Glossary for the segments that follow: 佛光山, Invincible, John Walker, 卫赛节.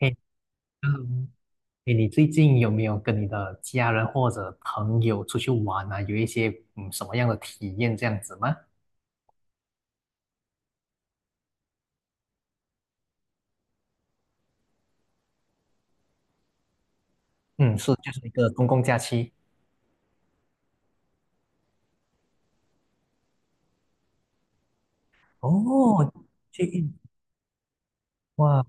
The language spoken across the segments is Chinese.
哎，嗯，哎，你最近有没有跟你的家人或者朋友出去玩啊？有一些什么样的体验这样子吗？嗯，是就是一个公共假期。哦，去印哇，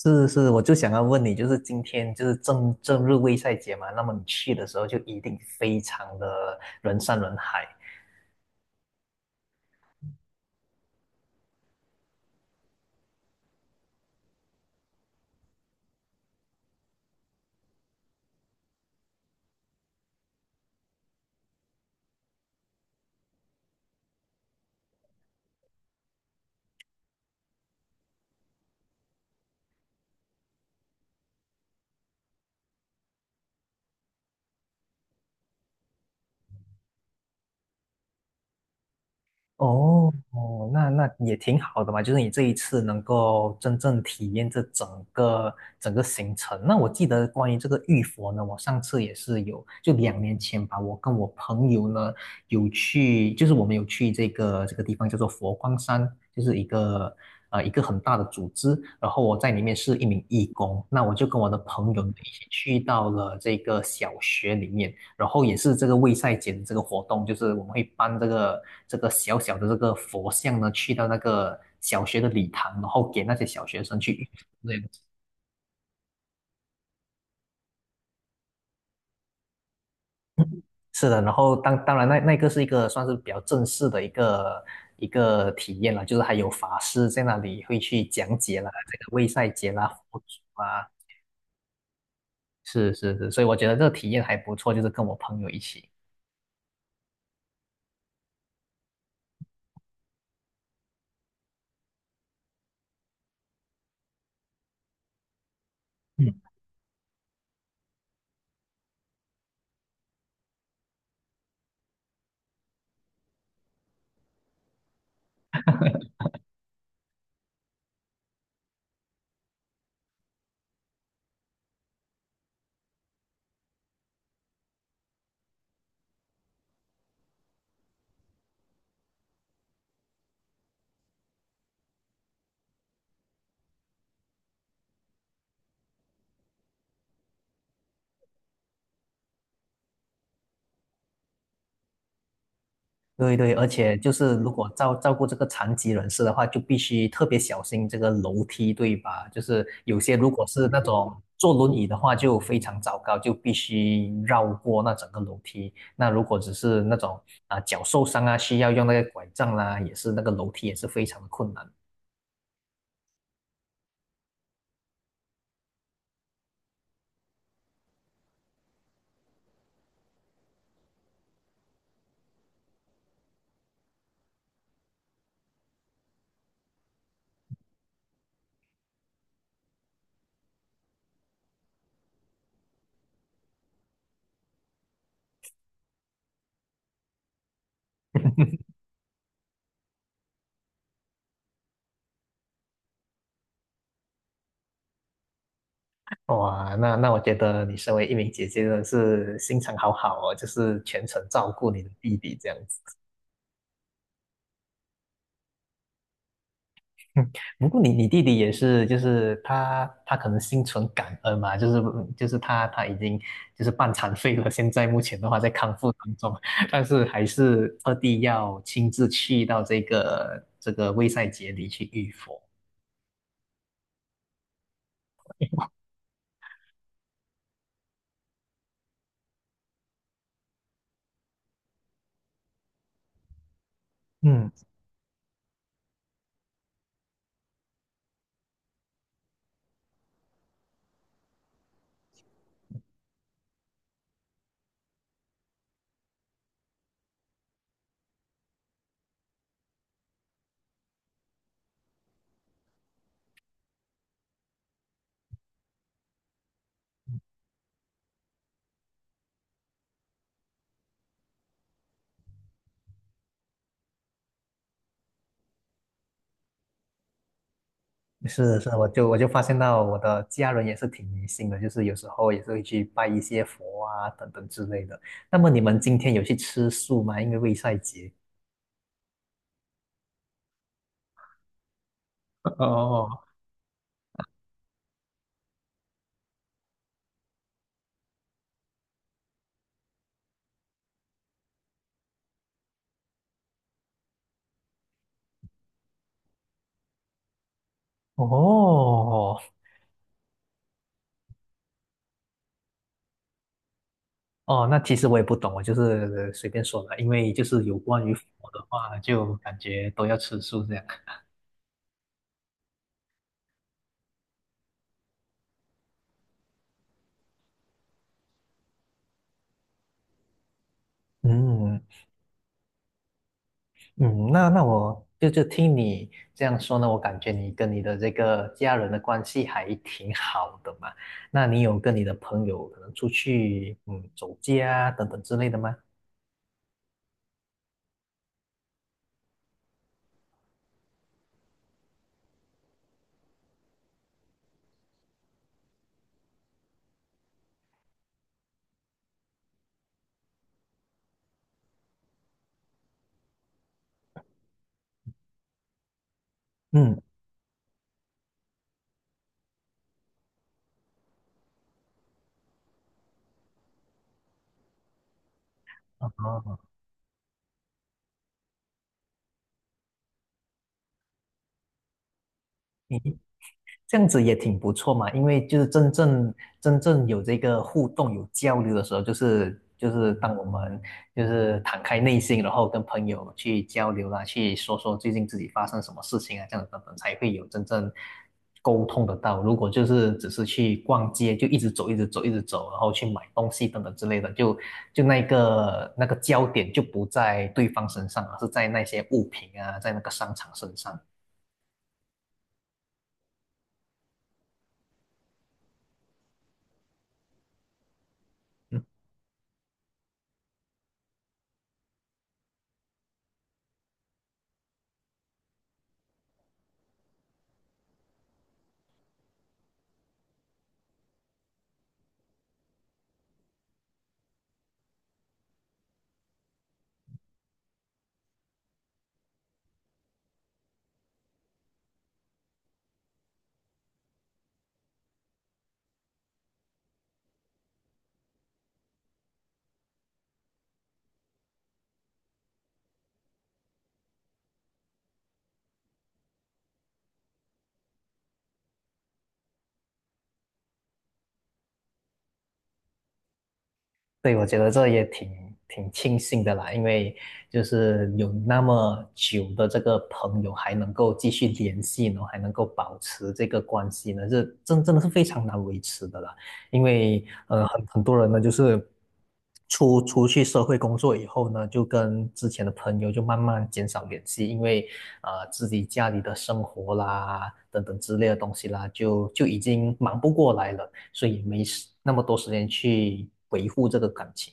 是是，我就想要问你，就是今天就是正正日卫赛节嘛，那么你去的时候就一定非常的人山人海。哦哦，那也挺好的嘛，就是你这一次能够真正体验这个整个行程。那我记得关于这个玉佛呢，我上次也是有，就两年前吧，我跟我朋友呢有去，就是我们有去这个地方叫做佛光山，就是一个很大的组织，然后我在里面是一名义工，那我就跟我的朋友呢一起去到了这个小学里面。然后也是这个卫赛节这个活动，就是我们会搬这个小小的这个佛像呢，去到那个小学的礼堂，然后给那些小学生去对，是的，然后当然那个是一个算是比较正式的一个体验了，就是还有法师在那里会去讲解了 这个卫赛节啦、佛祖啊，是是是，所以我觉得这个体验还不错，就是跟我朋友一起。嗯。对对，而且就是如果照顾这个残疾人士的话，就必须特别小心这个楼梯，对吧？就是有些如果是那种坐轮椅的话，就非常糟糕，就必须绕过那整个楼梯。那如果只是那种啊、脚受伤啊，需要用那个拐杖啦、也是那个楼梯也是非常的困难。哇，那我觉得你身为一名姐姐真的是心肠好好哦，就是全程照顾你的弟弟这样子。嗯，不过你弟弟也是，就是他可能心存感恩嘛，就是他已经就是半残废了，现在目前的话在康复当中，但是还是二弟要亲自去到这个卫塞节里去浴佛。嗯，是是，我就发现到我的家人也是挺迷信的，就是有时候也是会去拜一些佛啊等等之类的。那么你们今天有去吃素吗？因为卫塞节。哦哦，哦，那其实我也不懂，我就是随便说的，因为就是有关于佛的话，就感觉都要吃素这样。嗯嗯，那我就听你这样说呢，我感觉你跟你的这个家人的关系还挺好的嘛。那你有跟你的朋友可能出去走街啊等等之类的吗？嗯，这样子也挺不错嘛，因为就是真正有这个互动、有交流的时候，就是当我们就是敞开内心，然后跟朋友去交流啦，去说说最近自己发生什么事情啊，这样子等等，才会有真正沟通得到。如果就是只是去逛街，就一直走、一直走、一直走，然后去买东西等等之类的，就那个焦点就不在对方身上，而是在那些物品啊，在那个商场身上。对，我觉得这也挺庆幸的啦，因为就是有那么久的这个朋友还能够继续联系，呢，然后还能够保持这个关系呢，这真的是非常难维持的啦。因为很多人呢，就是出去社会工作以后呢，就跟之前的朋友就慢慢减少联系，因为自己家里的生活啦等等之类的东西啦，就已经忙不过来了。所以没那么多时间去维护这个感情。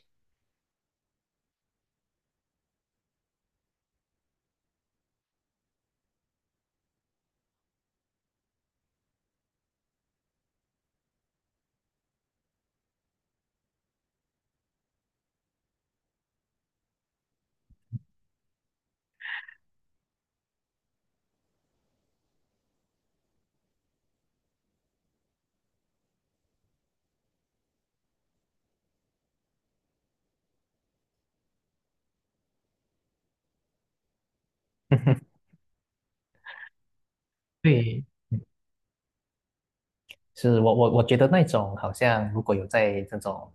对，嗯是我觉得那种好像如果有在这种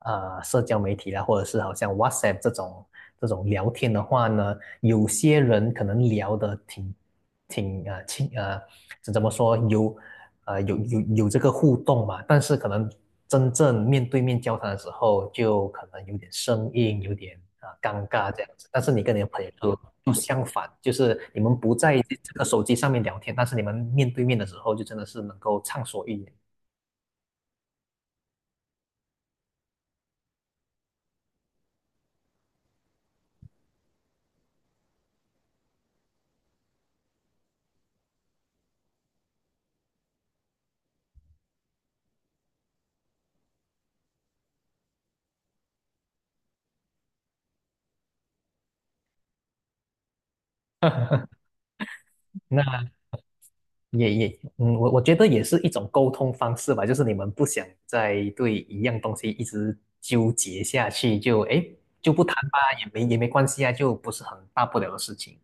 社交媒体啦，或者是好像 WhatsApp 这种聊天的话呢，有些人可能聊得挺啊亲啊，怎么说有有这个互动嘛，但是可能真正面对面交谈的时候，就可能有点生硬，有点啊、尴尬这样子。但是你跟你的朋友就相反，就是你们不在这个手机上面聊天，但是你们面对面的时候，就真的是能够畅所欲言。那也，我觉得也是一种沟通方式吧，就是你们不想再对一样东西一直纠结下去，就哎就不谈吧，也没关系啊，就不是很大不了的事情。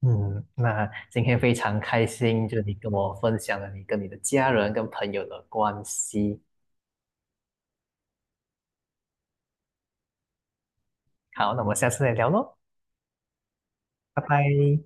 嗯，那今天非常开心，就你跟我分享了你跟你的家人跟朋友的关系。好，那我们下次再聊喽，拜拜。